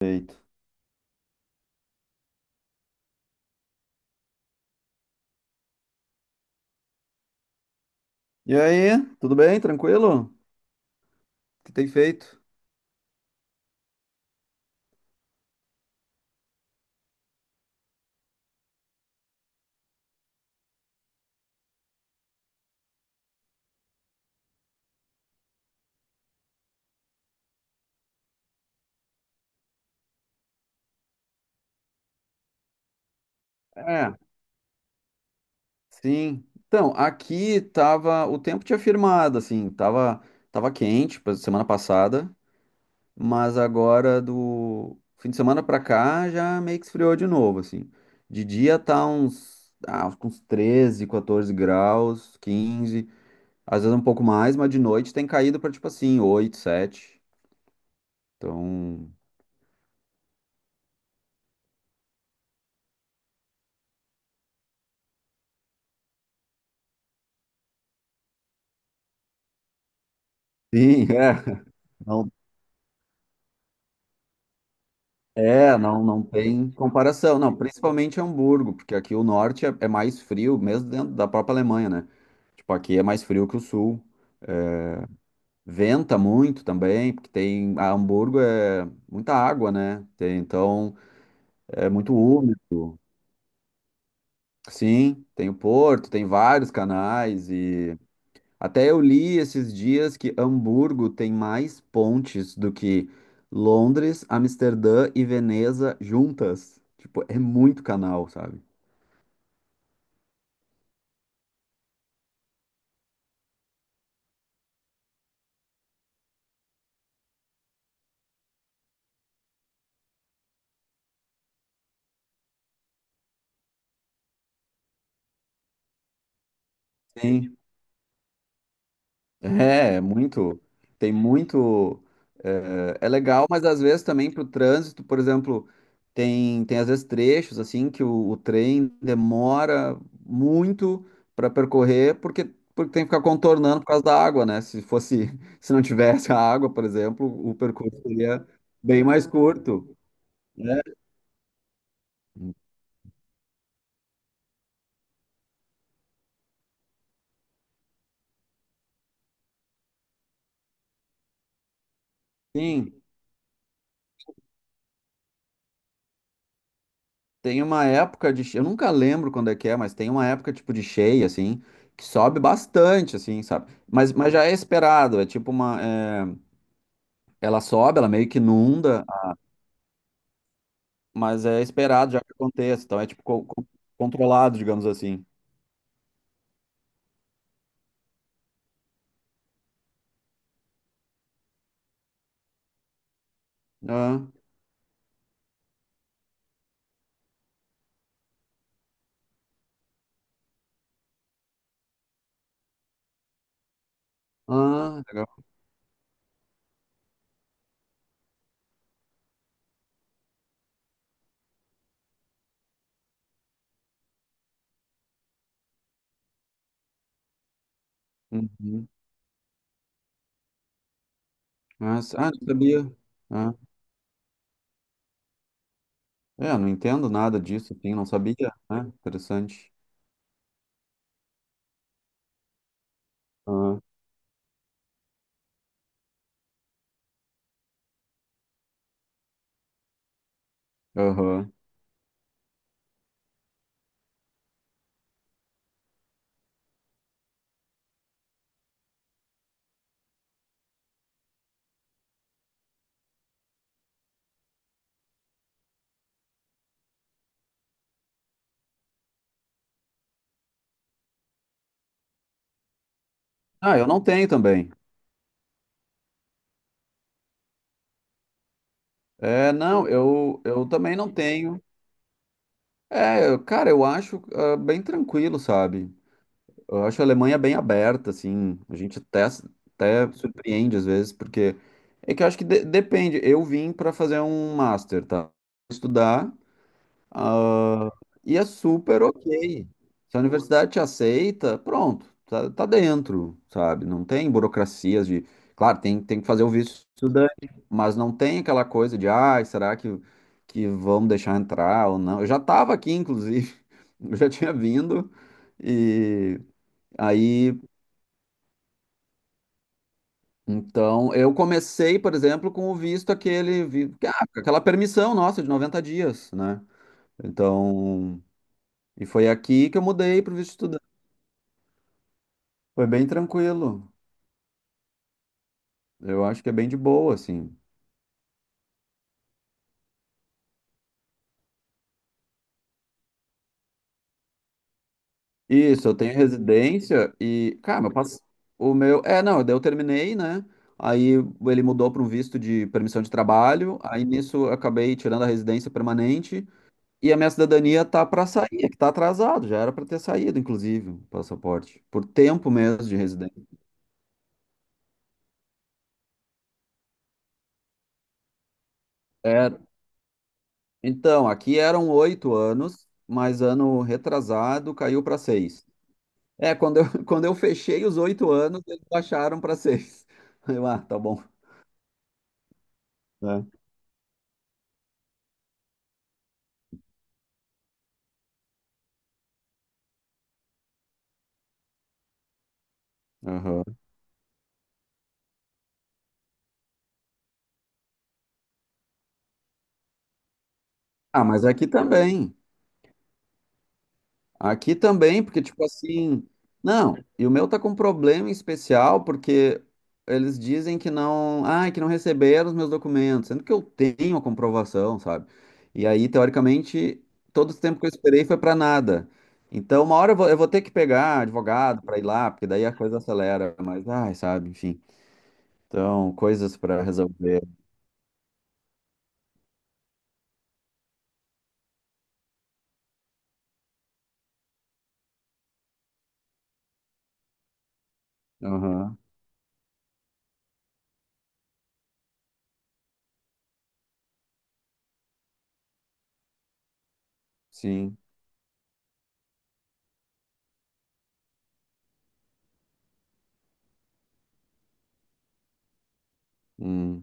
Feito. E aí, tudo bem? Tranquilo? O que tem feito? É, sim. Então, aqui tava, o tempo tinha firmado, assim, tava quente semana passada, mas agora do fim de semana pra cá já meio que esfriou de novo, assim. De dia tá uns, acho que uns 13 14 graus, 15 às vezes um pouco mais, mas de noite tem caído pra tipo assim, 8 7. Então, sim, é. Não. É, não, não tem comparação, não, principalmente Hamburgo, porque aqui o norte é mais frio, mesmo dentro da própria Alemanha, né? Tipo, aqui é mais frio que o sul. É, venta muito também, porque tem a Hamburgo é muita água, né? Então é muito úmido. Sim, tem o porto, tem vários canais e até eu li esses dias que Hamburgo tem mais pontes do que Londres, Amsterdã e Veneza juntas. Tipo, é muito canal, sabe? Sim. É, é muito. Tem muito. É, é legal, mas às vezes também para o trânsito, por exemplo, tem às vezes trechos assim que o trem demora muito para percorrer, porque, porque tem que ficar contornando por causa da água, né? Se fosse, se não tivesse a água, por exemplo, o percurso seria bem mais curto, né? Sim. Tem uma época de, eu nunca lembro quando é que é, mas tem uma época tipo de cheia assim, que sobe bastante assim, sabe? Mas já é esperado, é tipo uma, é, ela sobe, ela meio que inunda, mas é esperado já que aconteça, então é tipo controlado, digamos assim. Ah, ah, legal. Uhum. Mas- ah, não sabia. Ah, é, eu não entendo nada disso, assim, não sabia, né? Interessante. Ah, aham. Ah, eu não tenho também. É, não, eu também não tenho. É, eu- cara, eu acho bem tranquilo, sabe? Eu acho a Alemanha bem aberta, assim. A gente até surpreende às vezes, porque é que eu acho que depende. Eu vim para fazer um master, tá? Estudar. Ah, e é super ok. Se a universidade te aceita, pronto, tá dentro, sabe? Não tem burocracias de. Claro, tem que fazer o visto estudante, mas não tem aquela coisa de, ai, será que vão deixar entrar ou não? Eu já estava aqui, inclusive, eu já tinha vindo, e aí, então, eu comecei, por exemplo, com o visto aquele, aquela permissão nossa de 90 dias, né? Então. E foi aqui que eu mudei para o visto. Foi bem tranquilo. Eu acho que é bem de boa, assim. Isso, eu tenho residência e, cara, eu passo o meu, é, não, daí eu terminei, né? Aí ele mudou para um visto de permissão de trabalho, aí nisso eu acabei tirando a residência permanente e a minha cidadania tá para sair, é que tá atrasado, já era para ter saído, inclusive, o passaporte, por tempo mesmo de residência. Era. Então, aqui eram 8 anos, mas ano retrasado caiu para 6. É, quando eu, quando eu fechei os 8 anos, eles baixaram para 6. Aí eu, ah, tá bom, né? Aham. Ah, mas aqui também. Aqui também, porque, tipo assim. Não, e o meu tá com um problema em especial, porque eles dizem que não, ah, que não receberam os meus documentos, sendo que eu tenho a comprovação, sabe? E aí, teoricamente, todo esse tempo que eu esperei foi para nada. Então, uma hora eu vou ter que pegar advogado para ir lá, porque daí a coisa acelera, mas, ai, sabe, enfim. Então, coisas para resolver. Aham. Sim. Hum,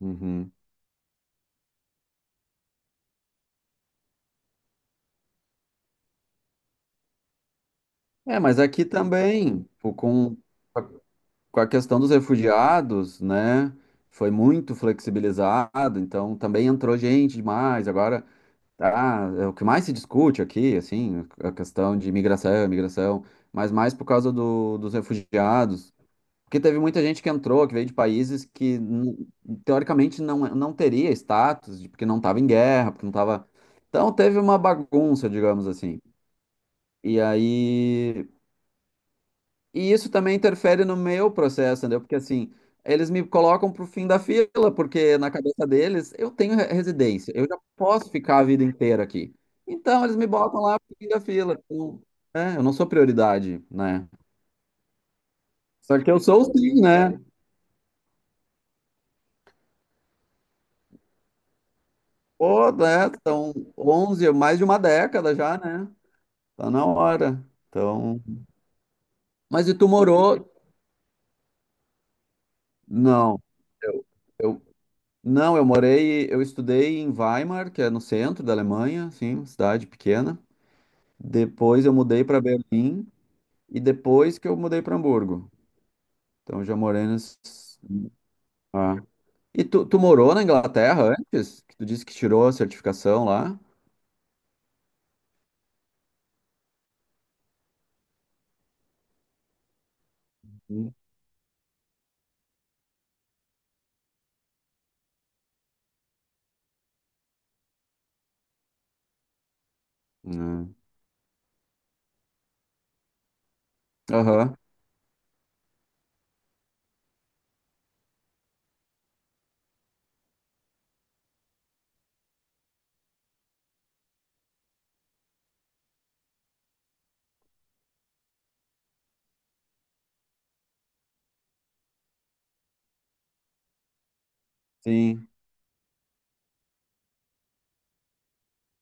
uhum. É, mas aqui também, pô, com a questão dos refugiados, né? Foi muito flexibilizado, então também entrou gente demais. Agora, tá, é o que mais se discute aqui, assim, a questão de imigração, mas mais por causa do, dos refugiados. Porque teve muita gente que entrou, que veio de países que teoricamente não, não teria status, de- porque não estava em guerra, porque não estava. Então teve uma bagunça, digamos assim. E aí. E isso também interfere no meu processo, entendeu? Porque assim, eles me colocam pro fim da fila, porque na cabeça deles eu tenho residência, eu já posso ficar a vida inteira aqui. Então eles me botam lá pro fim da fila. Eu- é, eu não sou prioridade, né? Só que eu sou sim, né? Pô, né? São 11, mais de uma década já, né? Tá na hora. Então, mas e tu morou? Não. Eu, eu não, eu morei, eu estudei em Weimar, que é no centro da Alemanha, assim, uma cidade pequena. Depois eu mudei para Berlim e depois que eu mudei para Hamburgo. Então eu já morei nesse... Ah. E tu morou na Inglaterra antes? Que tu disse que tirou a certificação lá? Sim. Ah. Aham. Sim.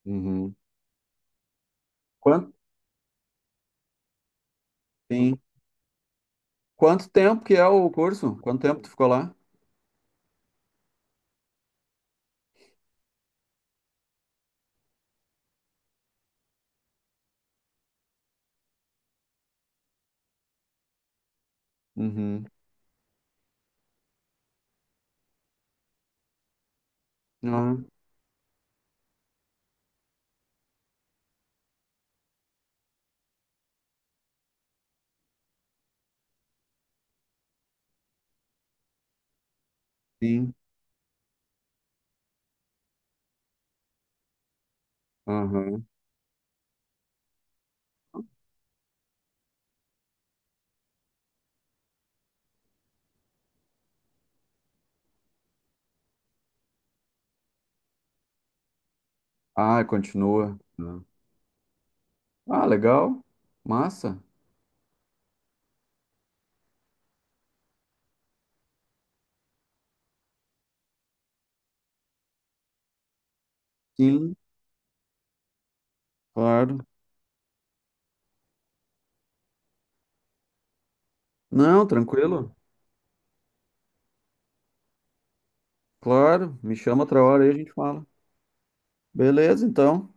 Uhum. Quanto? Sim. Quanto tempo que é o curso? Quanto tempo tu ficou lá? Uhum. Ah, sim. Aham. Ah, continua. Ah, ah, legal. Massa. Sim, claro. Não, tranquilo. Claro. Me chama outra hora aí a gente fala. Beleza, então.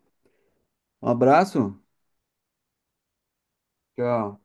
Um abraço. Tchau.